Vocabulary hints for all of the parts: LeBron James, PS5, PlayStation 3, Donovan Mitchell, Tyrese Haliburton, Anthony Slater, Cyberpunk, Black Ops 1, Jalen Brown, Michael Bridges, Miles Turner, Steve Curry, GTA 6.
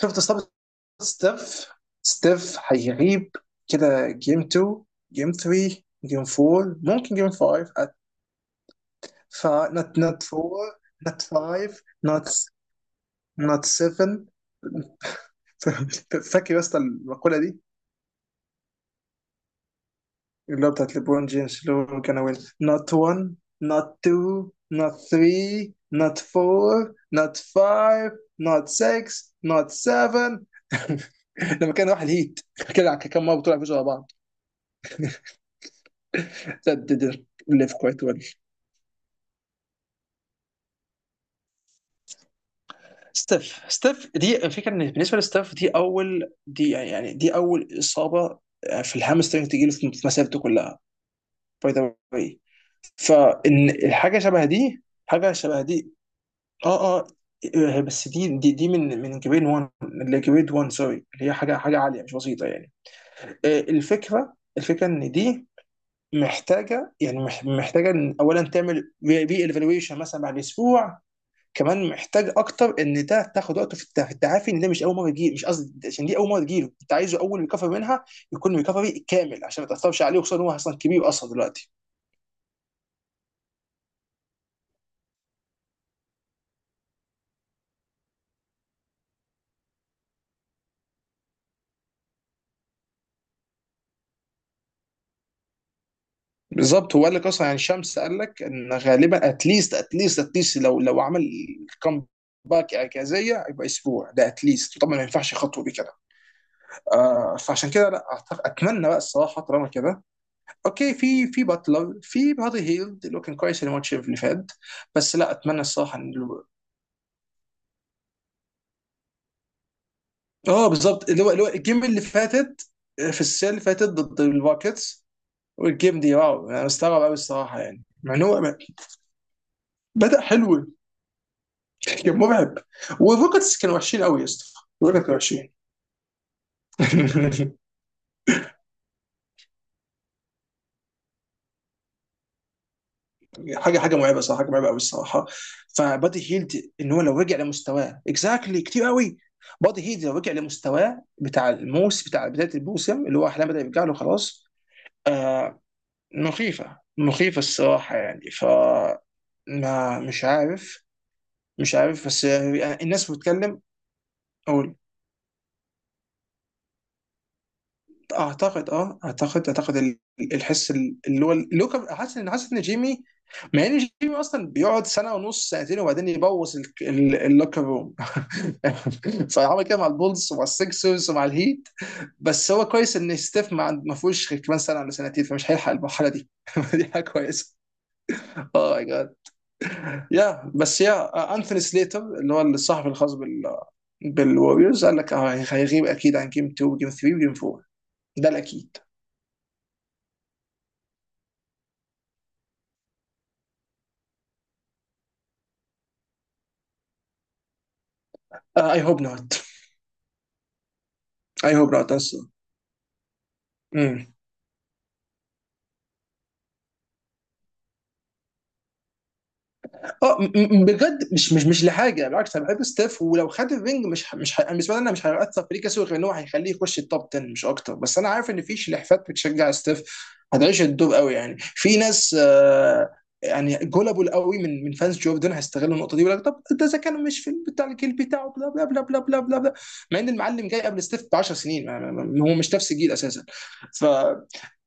شفت اصابه ستيف. ستيف هيغيب كده جيم 2، جيم 3، جيم 4، ممكن جيم 5. ف not not 4 not 5 not not 7. فاكر يا اسطى المقوله دي اللي هو بتاعت ليبرون جيمس اللي هو كان وين not 1 not 2 not 3 not 4 not 5 not 6 not 7 لما كان راح الهيت؟ كده كان كم مره بتقول على بعض؟ تقدر تدير ليف كويت ويل. ستيف، ستيف دي الفكره ان بالنسبه لستيف دي اول، دي يعني دي اول اصابه، آه، في الهامسترنج تجيله في مسيرته كلها. باي ذا واي، فان الحاجه شبه دي، حاجه شبه دي. اه اه. آه، بس دي من جريد 1، اللي جريد 1، سوري، اللي هي حاجه عاليه مش بسيطه يعني. آه، الفكره ان دي محتاجه يعني محتاجه إن اولا تعمل ري ايفالويشن مثلا بعد اسبوع. كمان محتاج اكتر ان ده تاخد وقته في في التعافي، ان ده مش اول مره تجيله، مش قصدي، عشان دي اول مره تجيله انت عايزه اول ريكفري منها يكون ريكفري كامل عشان ما تاثرش عليه، وخصوصا ان هو اصلا كبير اصلا دلوقتي. بالظبط، هو قال لك اصلا يعني، شمس قال لك ان غالبا اتليست، اتليست، اتليست لو عمل كام باك اعجازيه يبقى اسبوع، ده اتليست طبعا. ما ينفعش خطوه دي كده. آه، فعشان كده لا أعتقد، اتمنى بقى الصراحه طالما كده اوكي، في باتلر، في بادي هيلد اللي هو كان كويس يعني الماتش اللي فات. بس لا، اتمنى الصراحه ان اه بالظبط، اللي هو الجيم اللي فاتت، آه، في السنه اللي فاتت ضد الباكتس. والجيم دي واو، انا مستغرب قوي الصراحه يعني مع ان هو بدا حلو. كان مرعب. والروكتس كانوا وحشين قوي يا اسطى، الروكتس كانوا وحشين. حاجه مرعبه صراحه، حاجه مرعبه قوي الصراحه. فبادي هيلد ان هو لو رجع لمستواه اكزاكتلي كتير قوي. بادي هيلد لو رجع لمستواه بتاع الموس، بتاع بدايه الموسم اللي هو احلام، بدا يرجع له خلاص. آه، مخيفة مخيفة الصراحة يعني. ف ما مش عارف. مش عارف، بس يعني الناس بتتكلم. او اعتقد، اه، اعتقد الحس اللي هو حاسس ان، حاسس ان جيمي، مع ان جيمي اصلا بيقعد سنه ونص سنتين وبعدين يبوظ اللوكر روم. فعمل كده مع البولز ومع السكسرز ومع الهيت. بس هو كويس ان ستيف ما فيهوش غير كمان سنه ولا سنتين، فمش هيلحق المرحله دي. دي حاجه كويسه. اه، يا بس يا انثوني سليتر اللي هو الصحفي الخاص بالوريوز قال لك آه هيغيب اكيد عن جيم 2، جيم 3، وجيم 4. ده الاكيد. اي هوب نوت. اي هوب نوت. اه بجد مش لحاجه، بالعكس انا بحب ستيف، ولو خد الرينج مش ه- مش ه- بالنسبه لي انا مش هيأثر في ليه كسور، غير ان هو هيخليه يخش التوب 10 مش اكتر. بس انا عارف ان في شلحفات بتشجع ستيف هتعيش الدور قوي يعني، في ناس آه يعني جولابل قوي من فانز جوردن هيستغلوا النقطه دي ويقول لك طب ده اذا كان مش في بتاع الجيل بتاعه، بلا بلا بلا بلا بلا بلا بلا، مع ان المعلم جاي قبل ستيف ب 10 سنين. هو مش نفس الجيل اساسا. ف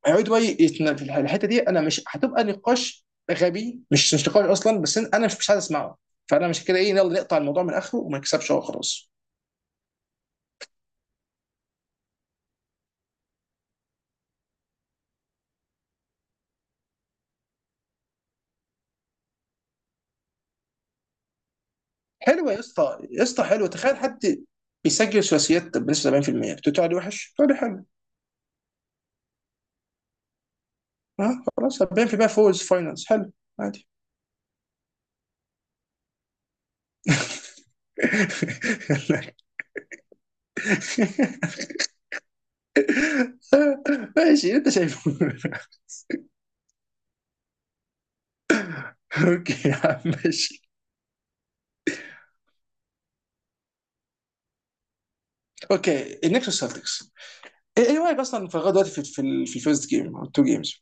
هيقعدوا بقى في الحته دي، انا مش هتبقى نقاش غبي، مش نقاش اصلا، بس انا مش عايز اسمعه. فانا مش كده، ايه، يلا نقطع الموضوع من اخره وما نكسبش، هو خلاص. حلوه يا اسطى، يا اسطى حلوه، تخيل حد بيسجل ثلاثيات بنسبه 70% بتقول عليه وحش، تقول لي حلو. ها، خلاص 40% فوز فاينلز حلو عادي. ماشي انت شايفه. اوكي يا عم ماشي. اوكي النكس والسلتكس. ايه، إيه رايك اصلا في لغايه دلوقتي في الفيرست جيم او التو جيمز؟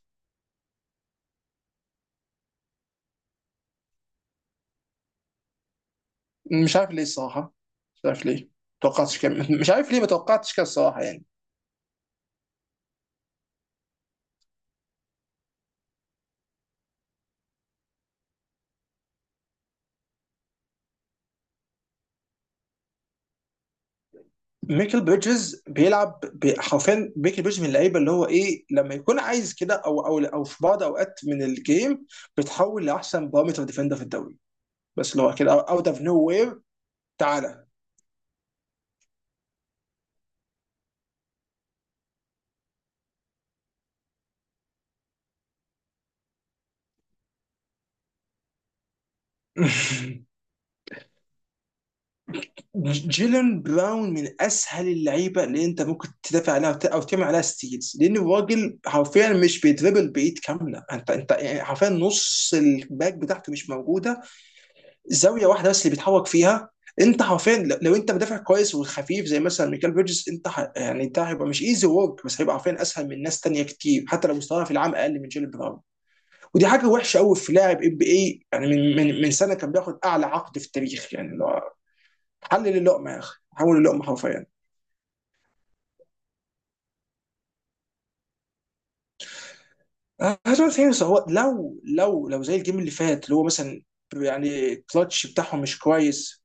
مش عارف ليه الصراحه. مش عارف ليه. توقعتش كم... مش عارف ليه ما توقعتش كده الصراحه يعني. ميكل بريدجز بيلعب حرفيا ميكل بريدجز من اللعيبه اللي هو ايه، لما يكون عايز كده او او في بعض اوقات من الجيم بتحول لاحسن بارامتر ديفندر في الدوري، بس اللي هو كده اوت اوف نو وير. تعالى. جيلن براون من اسهل اللعيبه اللي انت ممكن تدافع عليها او تعمل عليها ستيلز، لان الراجل حرفيا مش بيدربل بايد كامله. انت يعني حرفيا نص الباك بتاعته مش موجوده. زاويه واحده بس اللي بيتحرك فيها. انت حرفيا لو انت مدافع كويس وخفيف زي مثلا ميكال بيرجز، انت ح... يعني انت هيبقى مش ايزي ورك، بس هيبقى عارفين اسهل من ناس تانية كتير حتى لو مستواها في العام اقل من جيل براون. ودي حاجه وحشه قوي في لاعب ام بي اي يعني، من، من سنه كان بياخد اعلى عقد في التاريخ يعني. لو حلل اللقمه يا اخي، حول اللقمه حرفيا. هجوم ثاني. هو لو زي الجيم اللي فات اللي هو مثلا يعني الكلتش بتاعهم مش كويس،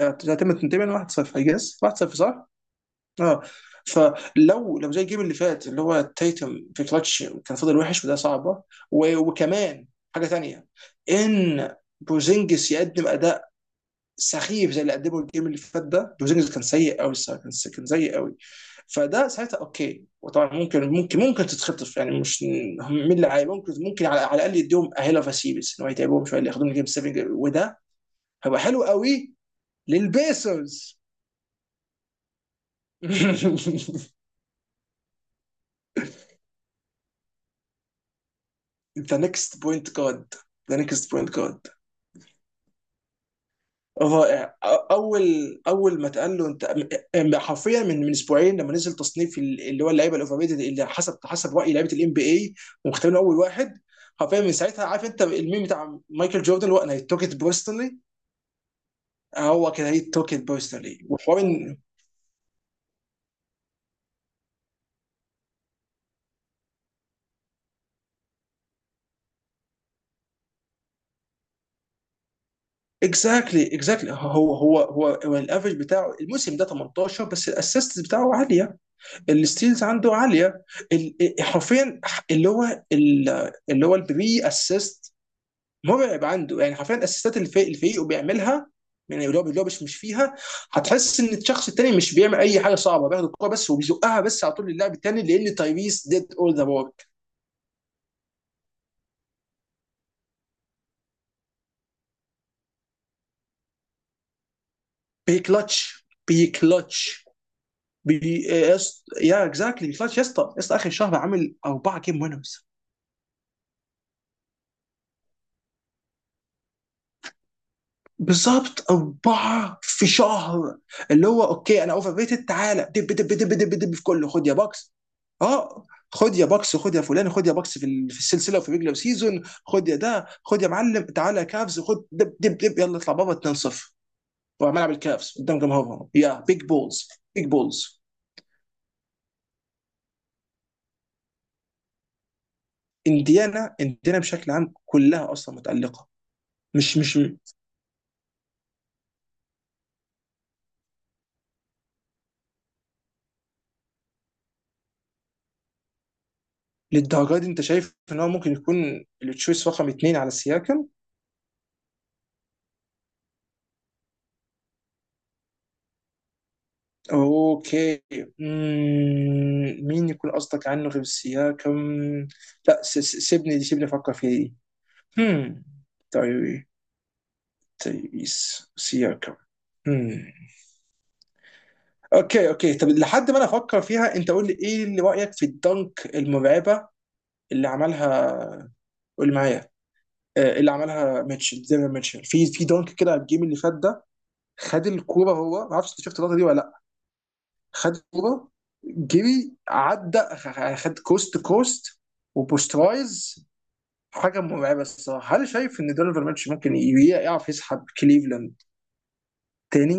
هتم تنتهي 1-0. I guess 1-0 صح؟ اه. فلو زي الجيم اللي فات اللي هو تايتم في كلتش كان فضل وحش، وده صعبه. وكمان حاجه تانية، ان بوزينجس يقدم اداء سخيف زي اللي قدمه الجيم اللي فات ده. بوزينجس كان سيء قوي الصراحه، كان سيء قوي. فده ساعتها اوكي، وطبعا ممكن ممكن تتخطف يعني، مش مين اللي عايز، ممكن على، على الاقل يديهم اهيلا فاسيبس ان هو يتعبهم شويه، اللي ياخدوهم جيم 7 وده هيبقى حلو قوي للبيسرز. ذا نيكست بوينت جارد. ذا نيكست بوينت جارد. رائع. اول، اول ما اتقال له انت حرفيا من، من اسبوعين لما نزل تصنيف اللي هو اللعيبه الاوفر ريتد اللي حسب، حسب راي لعيبه الام بي اي، ومختارين اول واحد حرفيا. من ساعتها عارف انت الميم بتاع مايكل جوردن اللي هو انا توك ات بيرسونالي؟ هو كده، هي توك ات بيرسونالي وحوار. اكزاكتلي اكزاكتلي، هو الافرج بتاعه الموسم ده 18 بس، الاسيست بتاعه عاليه، الستيلز عنده عاليه، إيه، حرفيا اللي هو اللي هو البري اسيست مرعب عنده يعني. حرفيا الاسيستات اللي الفريق الفريق بيعملها يعني، اللي هو مش فيها، هتحس ان الشخص التاني مش بيعمل اي حاجه صعبه، بياخد الكوره بس وبيزقها بس على طول للاعب التاني، لان تايريس ديد اول ذا ورك. بيكلتش بي إيه، يا اكزاكتلي بيكلتش يا اسطى، يا اسطى اخر شهر عامل اربعه جيم وينرز. بالظبط أربعة في شهر، اللي هو أوكي أنا أوفر ريتد، تعالى دب دب دب دب دب في كله، خد يا بوكس. أه، خد يا بوكس، خد يا فلان، خد يا بوكس في في السلسلة وفي ريجلر سيزون، خد يا ده، خد يا معلم، تعالى يا كافز، خد دب دب دب، يلا اطلع بابا 2-0 وعمال ألعب الكافز قدام جمهورهم يا بيج بولز. بيج بولز. انديانا، انديانا بشكل عام كلها أصلا متألقة. مش للدرجة دي أنت شايف إن هو ممكن يكون التشويس رقم اثنين على السياكم؟ اوكي. مم. مين يكون قصدك عنه غير سياكم؟ لا، سيبني، سيبني افكر في دي. هم. تايري، تايريس سياكم. هم. اوكي اوكي، طب لحد ما انا افكر فيها انت قول لي، ايه اللي رايك في الدنك المرعبه اللي عملها؟ قول معايا. آه، اللي عملها ميتشل زي ما ميتشل في دنك كده على الجيم اللي فات ده. خد الكوره، هو ما اعرفش انت شفت اللقطه دي ولا، خد كوره، جري، عدى، خد كوست كوست وبوسترايز. حاجه مرعبه الصراحه. هل شايف ان دونيفان ماتش ممكن يعرف يسحب كليفلاند تاني؟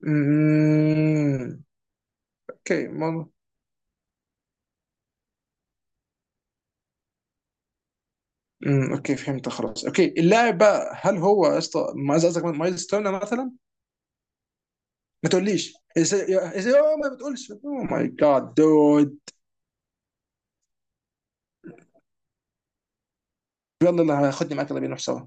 مم. اوكي مم. اوكي فهمت خلاص. اوكي، اللاعب بقى، هل هو يا اسطى، ما عايز، قصدك مايلز تيرنر مثلا؟ ما تقوليش، ازاي ما بتقولش. او ماي جاد دود. يلا يلا هاخدني معاك، يلا بينا نروح سوا.